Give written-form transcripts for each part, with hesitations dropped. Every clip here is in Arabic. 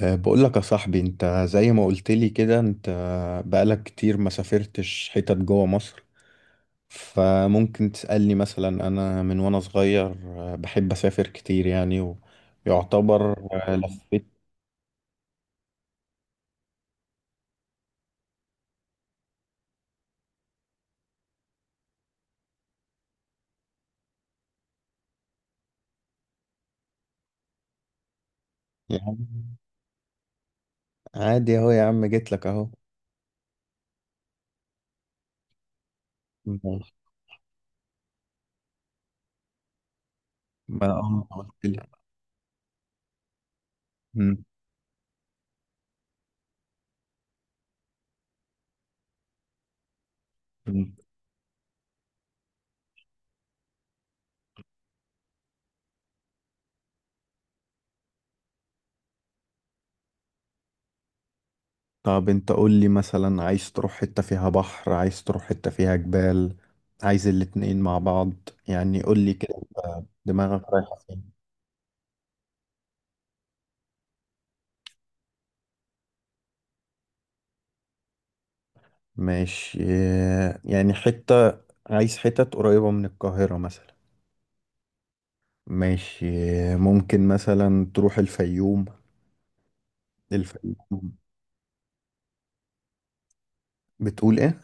بقول لك يا صاحبي، انت زي ما قلت لي كده، انت بقالك كتير ما سافرتش حتت جوه مصر. فممكن تسألني مثلا، انا من وانا صغير بحب اسافر كتير يعني. ويعتبر لفيت. يعني عادي اهو يا عم، جيت لك اهو. ما قلت لي. مم، مم. طب انت قول لي، مثلا عايز تروح حتة فيها بحر، عايز تروح حتة فيها جبال، عايز الاتنين مع بعض؟ يعني قول لي كده، أنت دماغك رايحة فين. ماشي. يعني عايز حتت قريبة من القاهرة مثلا. ماشي. ممكن مثلا تروح الفيوم. الفيوم بتقول ايه؟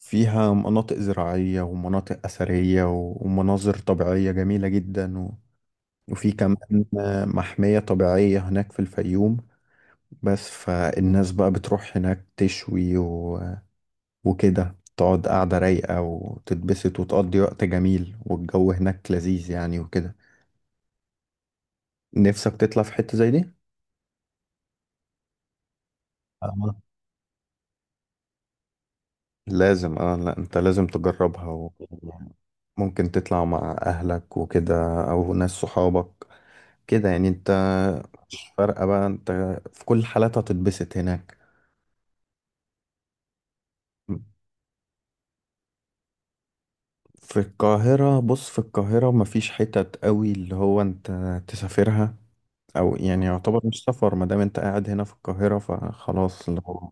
فيها مناطق زراعية ومناطق أثرية ومناظر طبيعية جميلة جدا، وفي كمان محمية طبيعية هناك في الفيوم. بس فالناس بقى بتروح هناك تشوي، وكده تقعد قاعدة رايقة وتتبسط وتقضي وقت جميل، والجو هناك لذيذ يعني، وكده. نفسك تطلع في حتة زي دي. آه. لازم. اه لا، انت لازم تجربها، وممكن تطلع مع اهلك وكده، او ناس صحابك كده. يعني انت فرقة بقى، انت في كل حالات هتتبسط هناك. في القاهرة، بص، في القاهرة مفيش حتت قوي اللي هو انت تسافرها. او يعني يعتبر مش سفر، ما دام انت قاعد هنا في القاهرة فخلاص اللي هو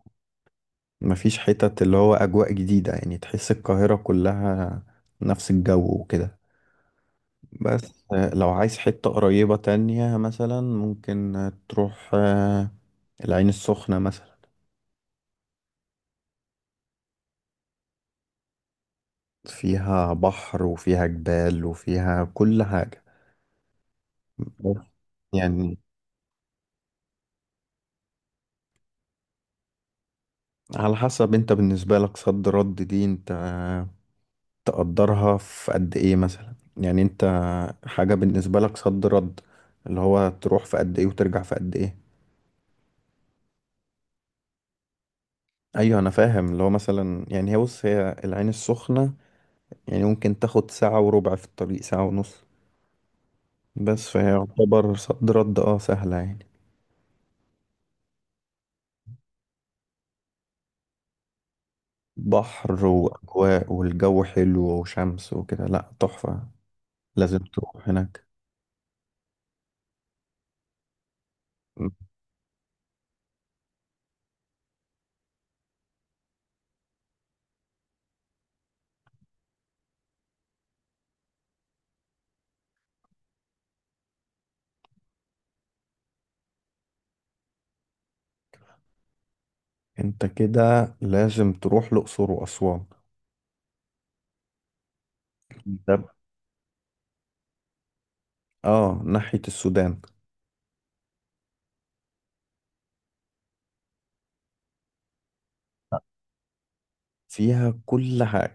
مفيش حتت اللي هو اجواء جديدة. يعني تحس القاهرة كلها نفس الجو، وكده. بس لو عايز حتة قريبة تانية مثلا، ممكن تروح العين السخنة مثلا. فيها بحر، وفيها جبال، وفيها كل حاجة. بس يعني على حسب انت، بالنسبة لك صد رد دي انت تقدرها في قد ايه مثلا. يعني انت حاجة بالنسبة لك صد رد، اللي هو تروح في قد ايه وترجع في قد ايه. ايوه انا فاهم، اللي هو مثلا يعني هي، بص، هي العين السخنة يعني ممكن تاخد ساعة وربع في الطريق، ساعة ونص. بس فهي يعتبر صد رد، اه، سهلة يعني. بحر وأجواء والجو حلو وشمس وكده، لأ تحفة، لازم تروح هناك. انت كده لازم تروح الأقصر وأسوان. ده، اه ناحية السودان. فيها كل حاجة،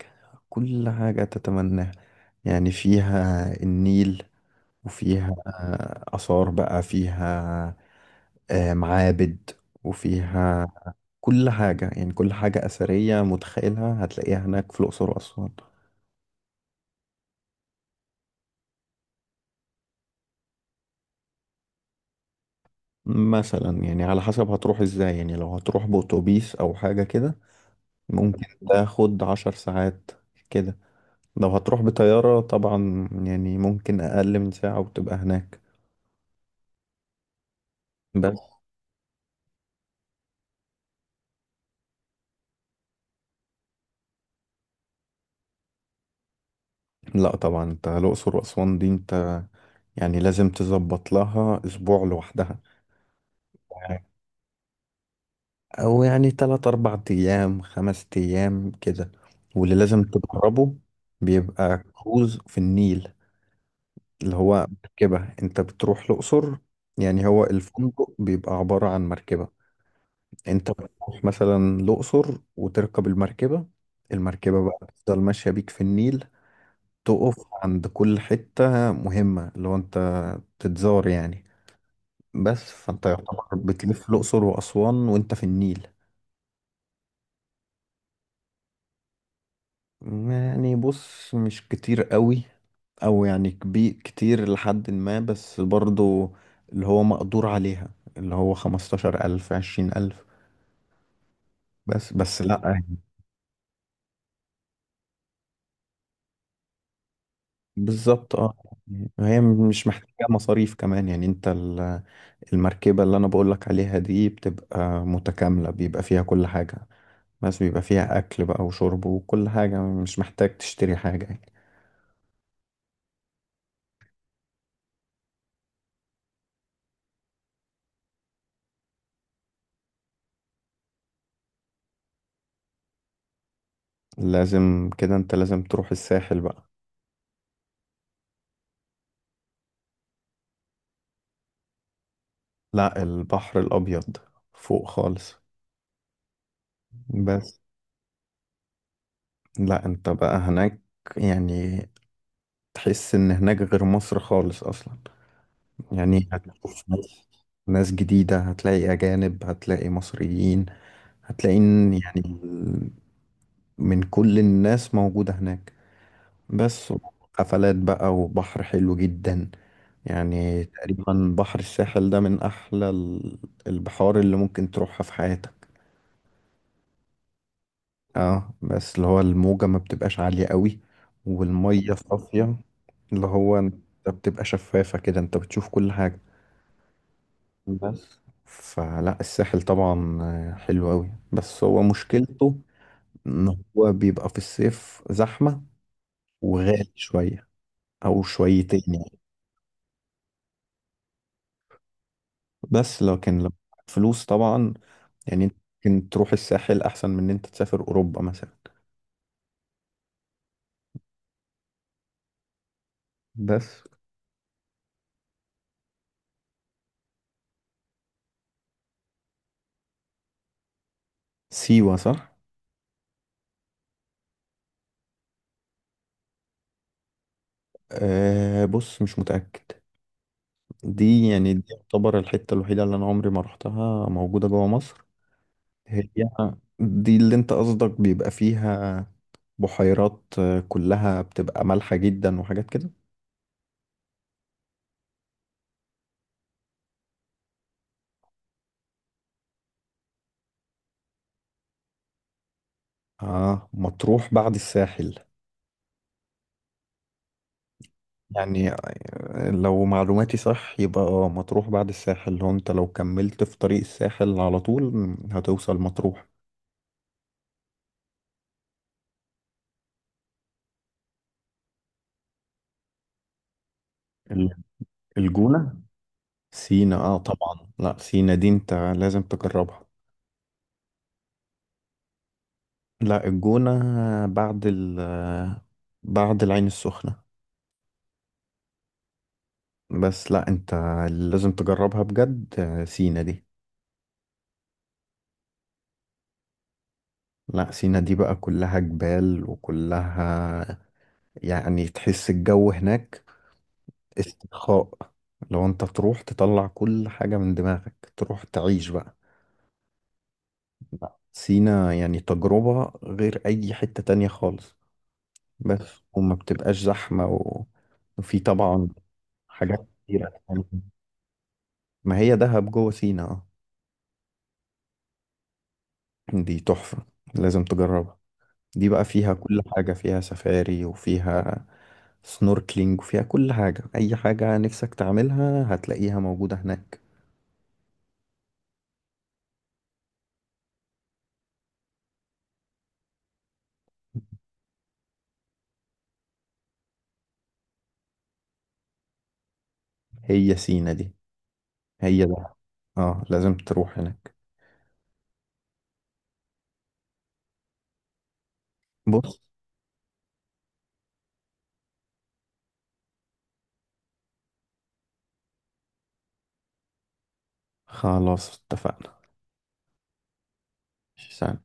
كل حاجة تتمناها، يعني فيها النيل، وفيها آثار بقى، فيها معابد، وفيها كل حاجة. يعني كل حاجة أثرية متخيلها هتلاقيها هناك في الأقصر وأسوان. مثلا يعني على حسب هتروح ازاي. يعني لو هتروح بأتوبيس أو حاجة كده ممكن تاخد 10 ساعات كده. لو هتروح بطيارة طبعا يعني ممكن أقل من ساعة وتبقى هناك. بس لا طبعا، انت الأقصر وأسوان دي انت يعني لازم تظبط لها أسبوع لوحدها، او يعني 3 4 ايام 5 ايام كده. واللي لازم تجربه بيبقى كروز في النيل، اللي هو مركبة انت بتروح الاقصر. يعني هو الفندق بيبقى عبارة عن مركبة. انت بتروح مثلا الاقصر وتركب المركبة. المركبة بقى بتفضل ماشية بيك في النيل، تقف عند كل حتة مهمة اللي هو انت تتزار يعني. بس فانت يعتبر بتلف الاقصر واسوان وانت في النيل. يعني بص، مش كتير قوي. او يعني كبير كتير لحد ما، بس برضو اللي هو مقدور عليها، اللي هو 15000 20000. بس لا يعني. بالظبط، يعني هي مش محتاجة مصاريف كمان. يعني انت المركبة اللي انا بقولك عليها دي بتبقى متكاملة، بيبقى فيها كل حاجة، بس بيبقى فيها اكل بقى وشرب وكل حاجة، مش محتاج تشتري حاجة يعني. لازم كده، انت لازم تروح الساحل بقى. لا، البحر الأبيض، فوق خالص. بس لا، انت بقى هناك يعني تحس ان هناك غير مصر خالص اصلا. يعني هتشوف ناس، ناس جديدة، هتلاقي اجانب، هتلاقي مصريين، هتلاقي إن يعني من كل الناس موجودة هناك. بس حفلات بقى، وبحر حلو جدا. يعني تقريبا بحر الساحل ده من احلى البحار اللي ممكن تروحها في حياتك. اه، بس اللي هو الموجة ما بتبقاش عالية قوي، والمية صافية، اللي هو انت بتبقى شفافة كده، انت بتشوف كل حاجة. بس فلا، الساحل طبعا حلو قوي، بس هو مشكلته ان هو بيبقى في الصيف زحمة وغالي شوية، او شويتين يعني. بس لكن لو معاك فلوس طبعا، يعني انت ممكن تروح الساحل احسن من ان انت تسافر اوروبا مثلا. بس، سيوة، صح؟ أه بص، مش متأكد. دي يعني دي يعتبر الحتة الوحيدة اللي أنا عمري ما روحتها موجودة جوا مصر. هي دي اللي أنت قصدك، بيبقى فيها بحيرات كلها بتبقى مالحة جدا، وحاجات كده. آه، مطروح بعد الساحل. يعني لو معلوماتي صح يبقى آه مطروح بعد الساحل، لو أنت لو كملت في طريق الساحل على طول هتوصل مطروح. ال- الجونة. سينا، طبعا، لا سينا دي أنت لازم تجربها. لا، الجونة بعد ال بعد العين السخنة. بس لا، انت لازم تجربها بجد، سينا دي. لا، سينا دي بقى كلها جبال، وكلها يعني تحس الجو هناك استرخاء. لو انت تروح تطلع كل حاجة من دماغك، تروح تعيش بقى. سينا يعني تجربة غير أي حتة تانية خالص. بس وما بتبقاش زحمة، وفي طبعا حاجات كتيرة. ما هي دهب جوه سينا، اه. دي تحفة، لازم تجربها. دي بقى فيها كل حاجة، فيها سفاري، وفيها سنوركلينج، وفيها كل حاجة. أي حاجة نفسك تعملها هتلاقيها موجودة هناك. هي سينا دي. هي ده، اه لازم تروح هناك. بص، خلاص اتفقنا. سلام.